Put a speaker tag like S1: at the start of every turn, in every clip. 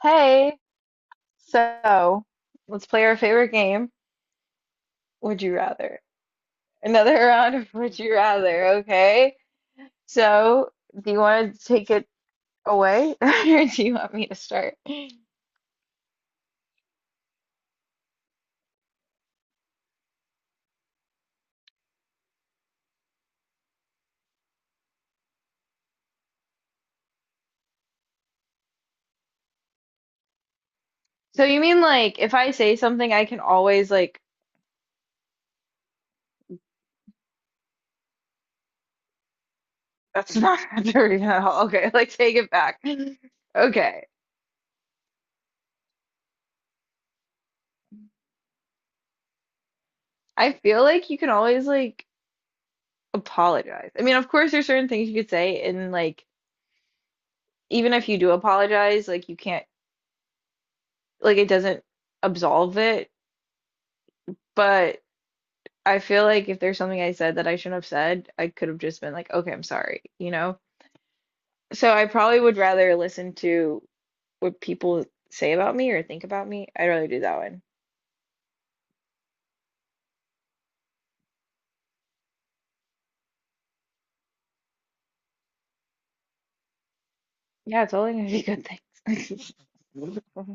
S1: Hey, so let's play our favorite game. Would you rather? Another round of Would You Rather, okay? So, do you want to take it away or do you want me to start? So, you mean like if I say something, I can always that's not dirty at all. Okay, like take it back. Okay. I feel like you can always like apologize. I mean, of course, there's certain things you could say, and like, even if you do apologize, like, you can't, like, it doesn't absolve it. But I feel like if there's something I said that I shouldn't have said, I could have just been like, okay, I'm sorry, you know? So I probably would rather listen to what people say about me or think about me. I'd rather do that one. Yeah, it's only gonna be good things.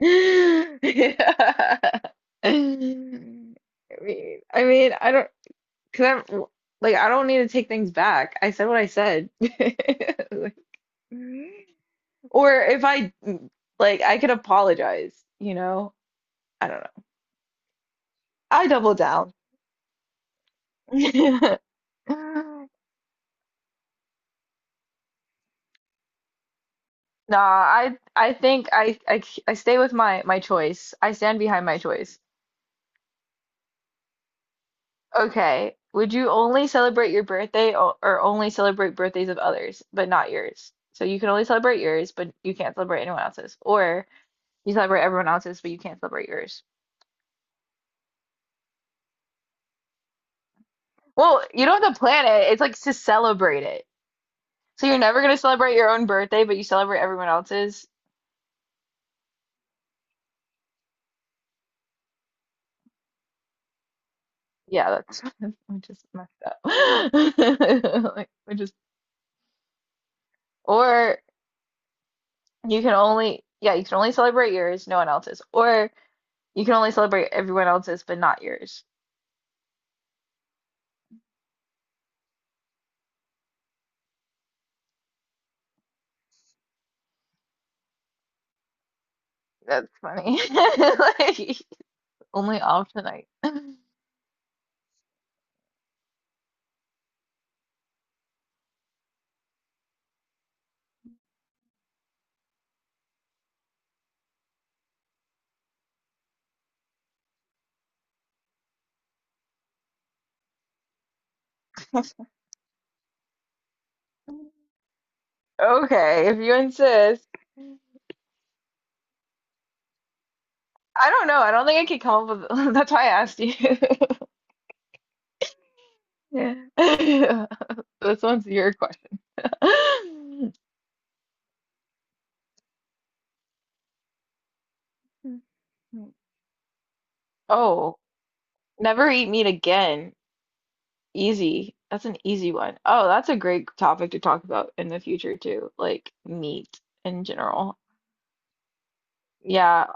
S1: Yeah. I mean, I mean, I don't, cause I'm like, I don't need to take things back. I said what I said. Like, or if I like, I could apologize, you know? I don't know. I double down. Nah, I think I stay with my choice. I stand behind my choice. Okay. Would you only celebrate your birthday or only celebrate birthdays of others, but not yours? So you can only celebrate yours, but you can't celebrate anyone else's. Or you celebrate everyone else's, but you can't celebrate yours. Well, you don't have to plan it. It's like to celebrate it. So you're never gonna celebrate your own birthday, but you celebrate everyone else's. Yeah, that's we just messed up. Like we just or You can only yeah, you can only celebrate yours, no one else's. Or you can only celebrate everyone else's but not yours. That's funny. Like only off tonight. Okay, if you insist. I don't know. I don't think I could come up with that's why I asked you. Yeah. This one's your question. Oh, never eat meat again. Easy. That's an easy one. Oh, that's a great topic to talk about in the future too, like meat in general. Yeah,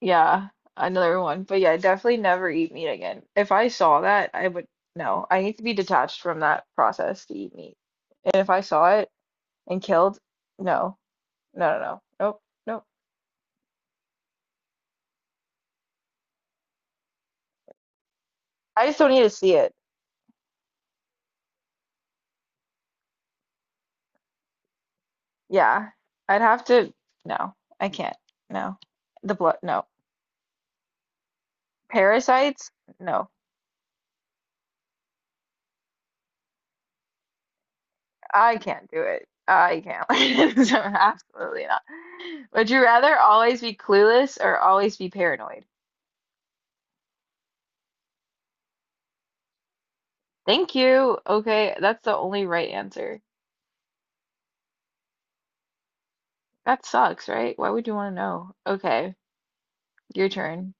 S1: yeah, another one. But yeah, definitely never eat meat again. If I saw that, I would no. I need to be detached from that process to eat meat. And if I saw it and killed, no, no, no, no, nope, nope. I just don't need to see it. Yeah, I'd have to. No, I can't. No, the blood. No, parasites. No. I can't do it. I can't. So, absolutely not. Would you rather always be clueless or always be paranoid? Thank you. Okay, that's the only right answer. That sucks, right? Why would you want to know? Okay, your turn.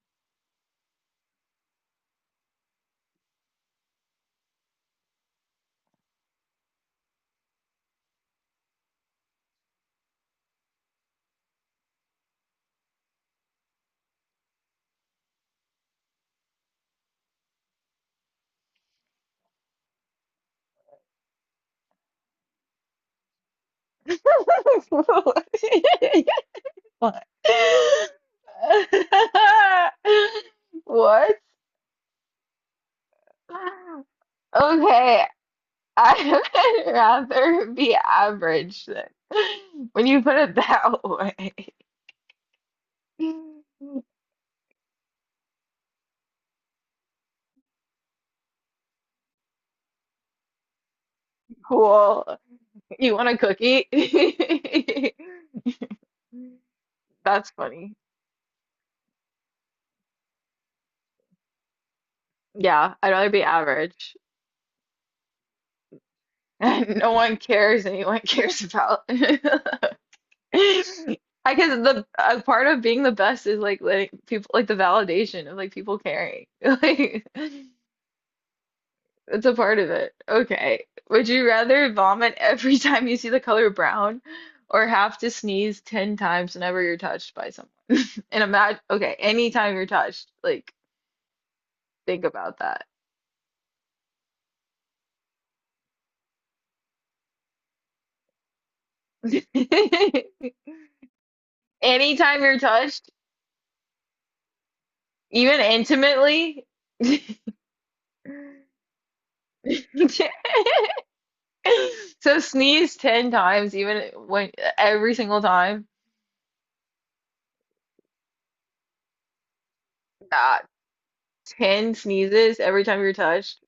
S1: What? What? Okay, I would rather be average then. When you put it that way. Cool. You want a cookie? That's funny. Yeah, I'd rather be average. No one cares anyone cares about. I guess the a part of being the best is like letting people like the validation of like people caring. Like it's a part of it. Okay. Would you rather vomit every time you see the color brown or have to sneeze 10 times whenever you're touched by someone? And imagine, okay, anytime you're touched, like, think about that. Anytime you're touched, even intimately. So sneeze 10 times, even when every single time. Nah, 10 sneezes every time you're touched.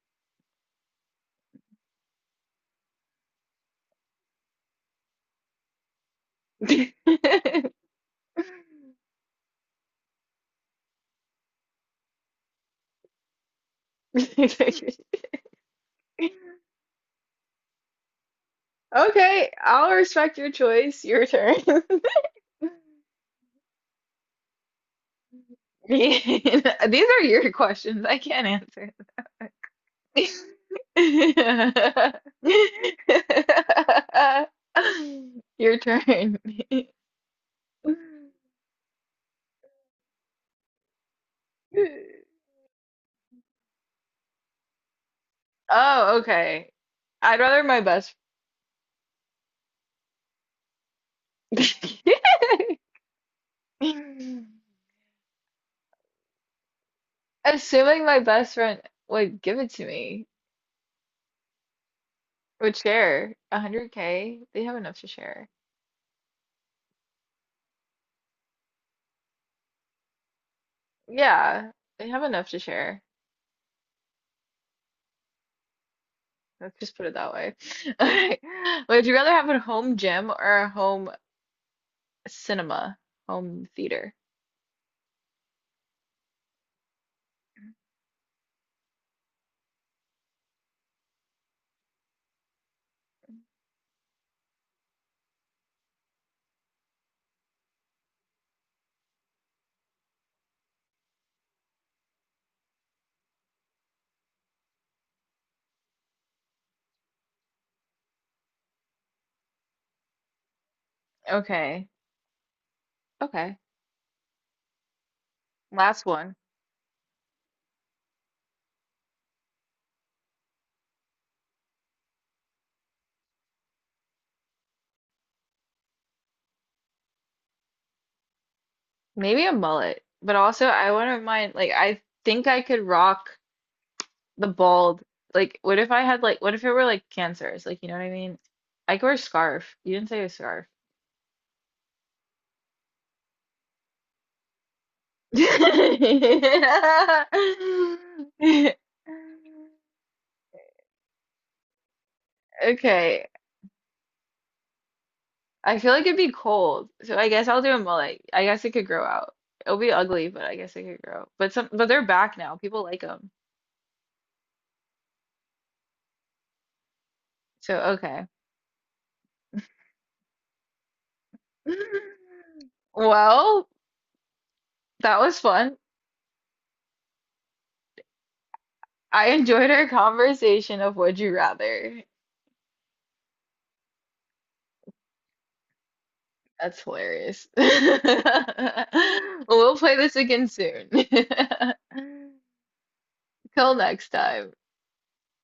S1: Okay, I'll respect your choice. Your turn. These are your questions. I can't answer them. Your turn. Oh, okay. I'd rather my best. Assuming my best friend would give it to me, would share 100K, they have enough to share. Yeah, they have enough to share. Let's just put it that way. All right. Would you rather have a home gym or a home cinema? Home theater. Okay. Okay. Last one. Maybe a mullet, but also I wouldn't mind like I think I could rock the bald. Like what if I had like what if it were like cancers? Like you know what I mean? I could wear a scarf. You didn't say a scarf. Okay. I feel like it'd be cold, so I guess I'll do a mullet. I guess it could grow out. It'll be ugly, but I guess it could grow. But some, but they're back now. People like them, so okay. Well, that was fun. I enjoyed our conversation of Would You Rather. That's hilarious. We'll play this again soon. Till next time.